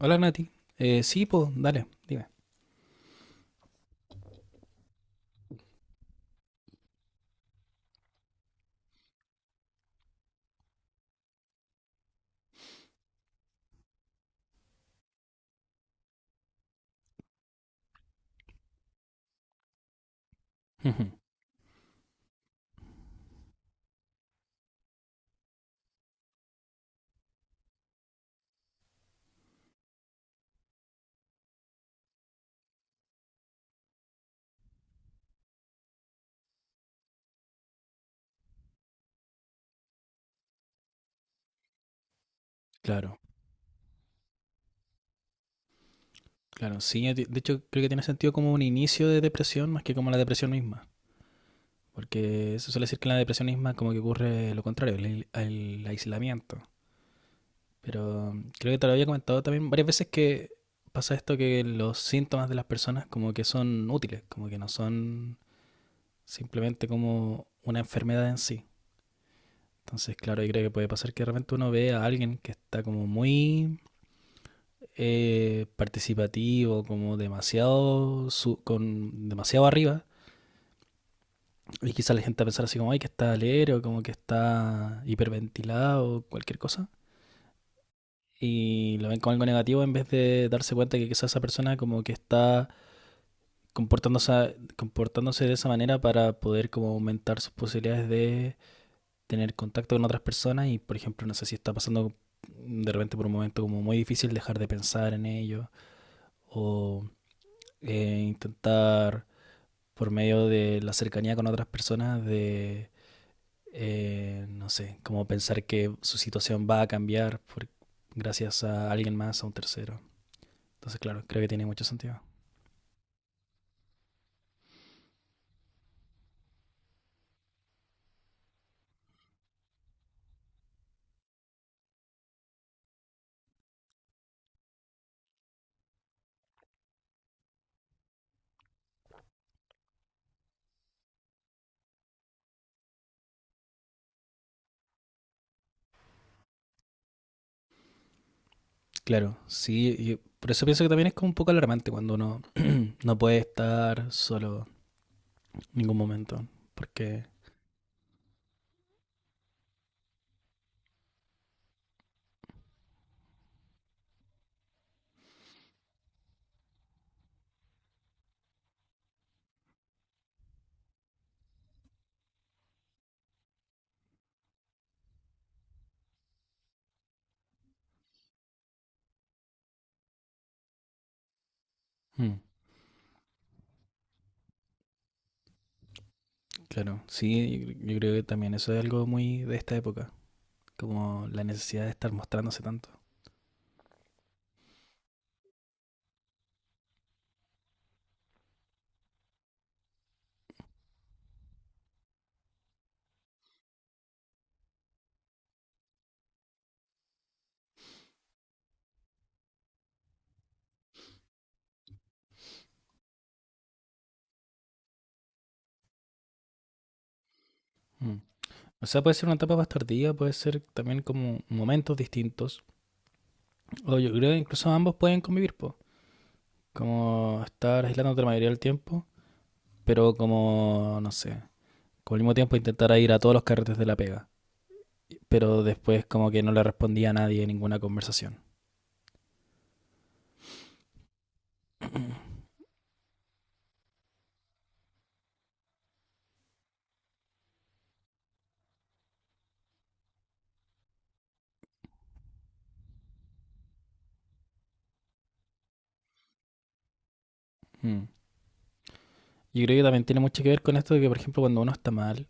Hola Nati. Sí, pues, dale, dime. Ujú. Claro, claro. Sí, de hecho creo que tiene sentido como un inicio de depresión más que como la depresión misma. Porque se suele decir que en la depresión misma como que ocurre lo contrario, el aislamiento. Pero creo que te lo había comentado también varias veces que pasa esto, que los síntomas de las personas como que son útiles, como que no son simplemente como una enfermedad en sí. Entonces, claro, yo creo que puede pasar que de repente uno ve a alguien que está como muy participativo, como con demasiado arriba. Y quizá la gente va a pensar así como, ay, que está alero, como que está hiperventilado, cualquier cosa. Y lo ven como algo negativo en vez de darse cuenta que quizá esa persona como que está comportándose de esa manera para poder como aumentar sus posibilidades de tener contacto con otras personas y, por ejemplo, no sé si está pasando de repente por un momento como muy difícil dejar de pensar en ello o intentar por medio de la cercanía con otras personas, de, no sé, como pensar que su situación va a cambiar gracias a alguien más, a un tercero. Entonces, claro, creo que tiene mucho sentido. Claro, sí, y por eso pienso que también es como un poco alarmante cuando uno no puede estar solo en ningún momento, porque... mm, claro, sí, yo creo que también eso es algo muy de esta época, como la necesidad de estar mostrándose tanto. Mm. O sea, puede ser una etapa más tardía, puede ser también como momentos distintos, o yo creo que incluso ambos pueden convivir, po. Como estar aislándote la mayoría del tiempo, pero como, no sé, como al mismo tiempo intentar ir a todos los carretes de la pega. Pero después como que no le respondía a nadie en ninguna conversación. Mm. Yo creo que también tiene mucho que ver con esto de que, por ejemplo, cuando uno está mal,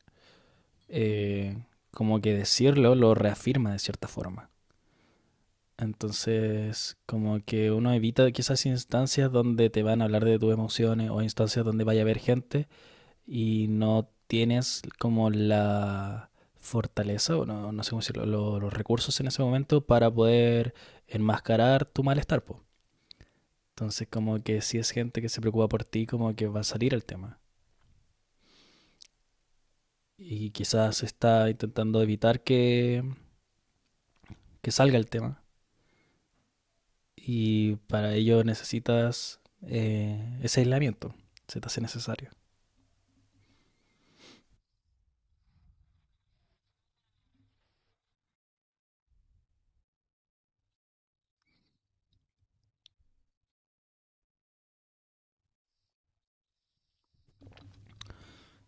eh, como que decirlo lo reafirma de cierta forma. Entonces, como que uno evita quizás instancias donde te van a hablar de tus emociones o instancias donde vaya a haber gente y no tienes como la fortaleza, o no, no sé cómo decirlo, los recursos en ese momento para poder enmascarar tu malestar, po. Entonces, como que si es gente que se preocupa por ti, como que va a salir el tema. Y quizás está intentando evitar que salga el tema. Y para ello necesitas ese aislamiento, se te hace necesario.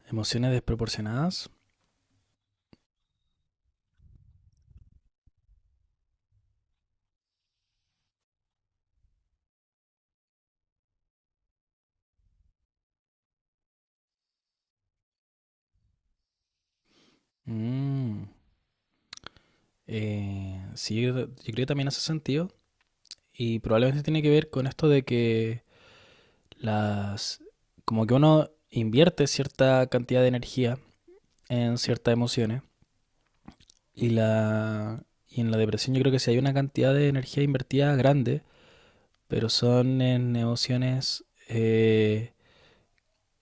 Emociones desproporcionadas. Mm. Eh, sí, yo creo que también hace sentido. Y probablemente tiene que ver con esto de que las... como que uno invierte cierta cantidad de energía en ciertas emociones y la... y en la depresión yo creo que sí hay una cantidad de energía invertida grande, pero son en emociones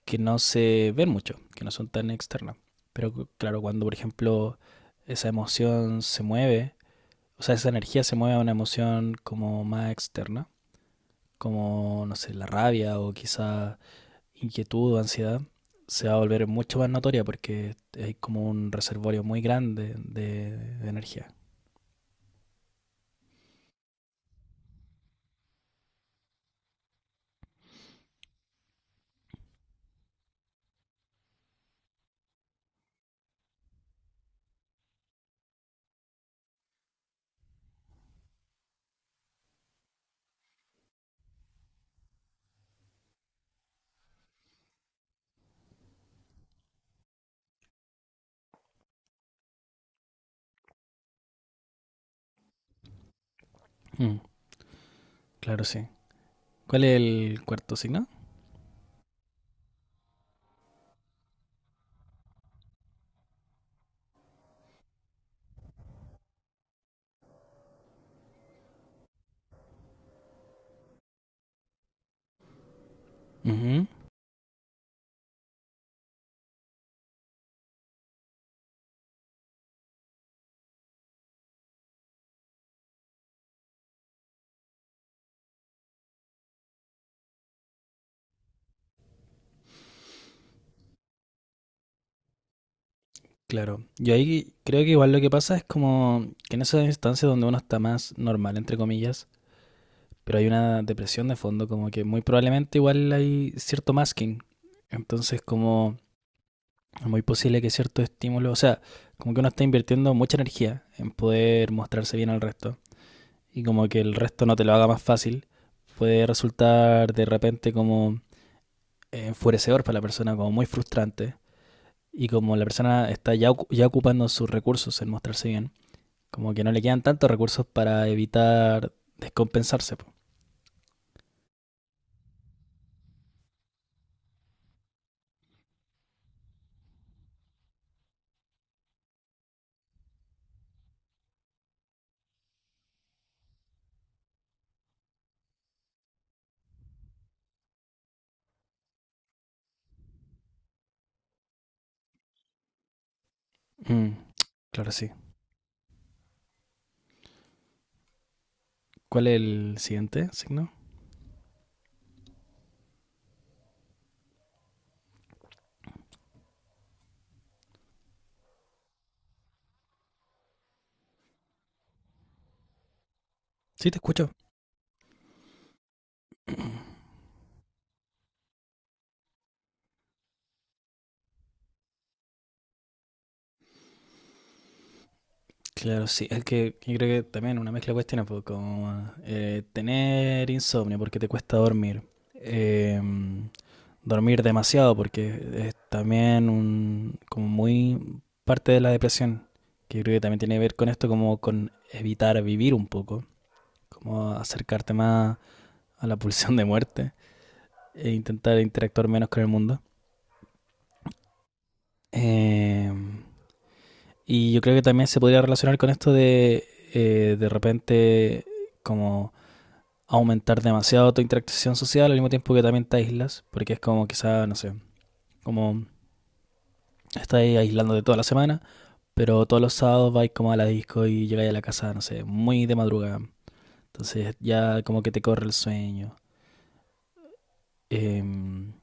que no se ven mucho, que no son tan externas. Pero claro, cuando por ejemplo esa emoción se mueve, o sea, esa energía se mueve a una emoción como más externa, como, no sé, la rabia o quizá inquietud o ansiedad, se va a volver mucho más notoria porque hay como un reservorio muy grande de energía. Mm, claro, sí. ¿Cuál es el cuarto signo? Ujú, claro. Yo ahí creo que igual lo que pasa es como que en esas instancias donde uno está más normal, entre comillas, pero hay una depresión de fondo, como que muy probablemente igual hay cierto masking. Entonces, como es muy posible que ciertos estímulos, o sea, como que uno está invirtiendo mucha energía en poder mostrarse bien al resto, y como que el resto no te lo haga más fácil, puede resultar de repente como enfurecedor para la persona, como muy frustrante. Y como la persona está ya ocupando sus recursos en mostrarse bien, como que no le quedan tantos recursos para evitar descompensarse. Mm, claro, sí. ¿Cuál es el siguiente signo? Sí, te escucho. Claro, sí. Es que yo creo que también una mezcla de cuestiones, pues, como tener insomnio porque te cuesta dormir. Eh, Dormir demasiado porque es también un, como muy parte de la depresión, que creo que también tiene que ver con esto, como con evitar vivir un poco, como acercarte más a la pulsión de muerte e intentar interactuar menos con el mundo. Eh, y yo creo que también se podría relacionar con esto de repente como aumentar demasiado tu interacción social al mismo tiempo que también te aíslas, porque es como quizá, no sé, como estás aislando de toda la semana. Pero todos los sábados vais como a la disco y llegáis a la casa, no sé, muy de madrugada. Entonces ya como que te corre el sueño. Em,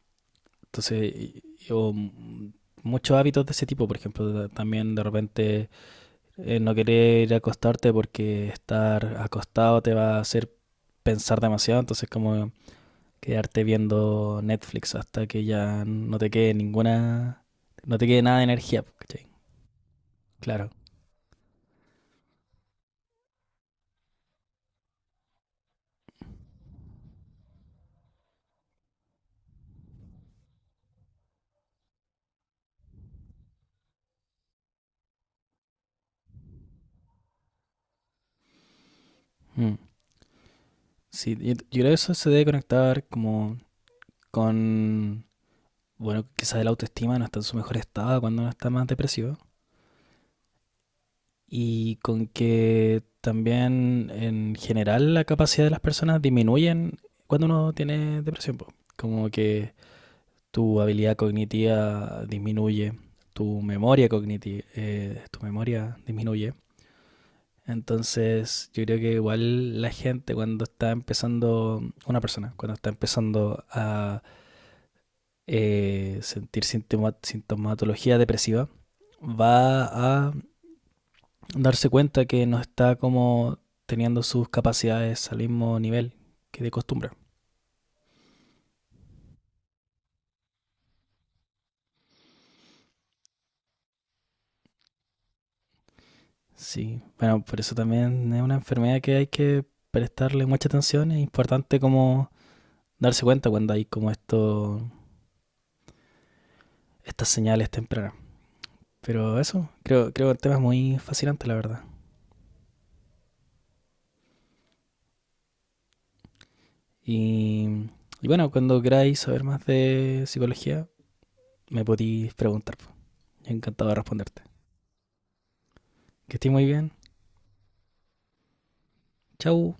entonces, yo muchos hábitos de ese tipo, por ejemplo, también de repente no querer ir a acostarte porque estar acostado te va a hacer pensar demasiado, entonces como quedarte viendo Netflix hasta que ya no te quede no te quede nada de energía, ¿cachai? Claro. Mm. Sí, yo creo que eso se debe conectar como con, bueno, quizás la autoestima no está en su mejor estado cuando uno está más depresivo, y con que también en general la capacidad de las personas disminuyen cuando uno tiene depresión, po. Como que tu habilidad cognitiva disminuye, tu memoria cognitiva, tu memoria disminuye. Entonces, yo creo que igual la gente cuando está una persona, cuando está empezando a sentir sintomatología depresiva, va a darse cuenta que no está como teniendo sus capacidades al mismo nivel que de costumbre. Sí, bueno, por eso también es una enfermedad que hay que prestarle mucha atención. Es importante como darse cuenta cuando hay como esto, estas señales tempranas. Pero eso, creo que el tema es muy fascinante, la verdad. Y, y bueno, cuando queráis saber más de psicología, me podéis preguntar. Yo encantado de responderte. Que estéis muy bien. Chau.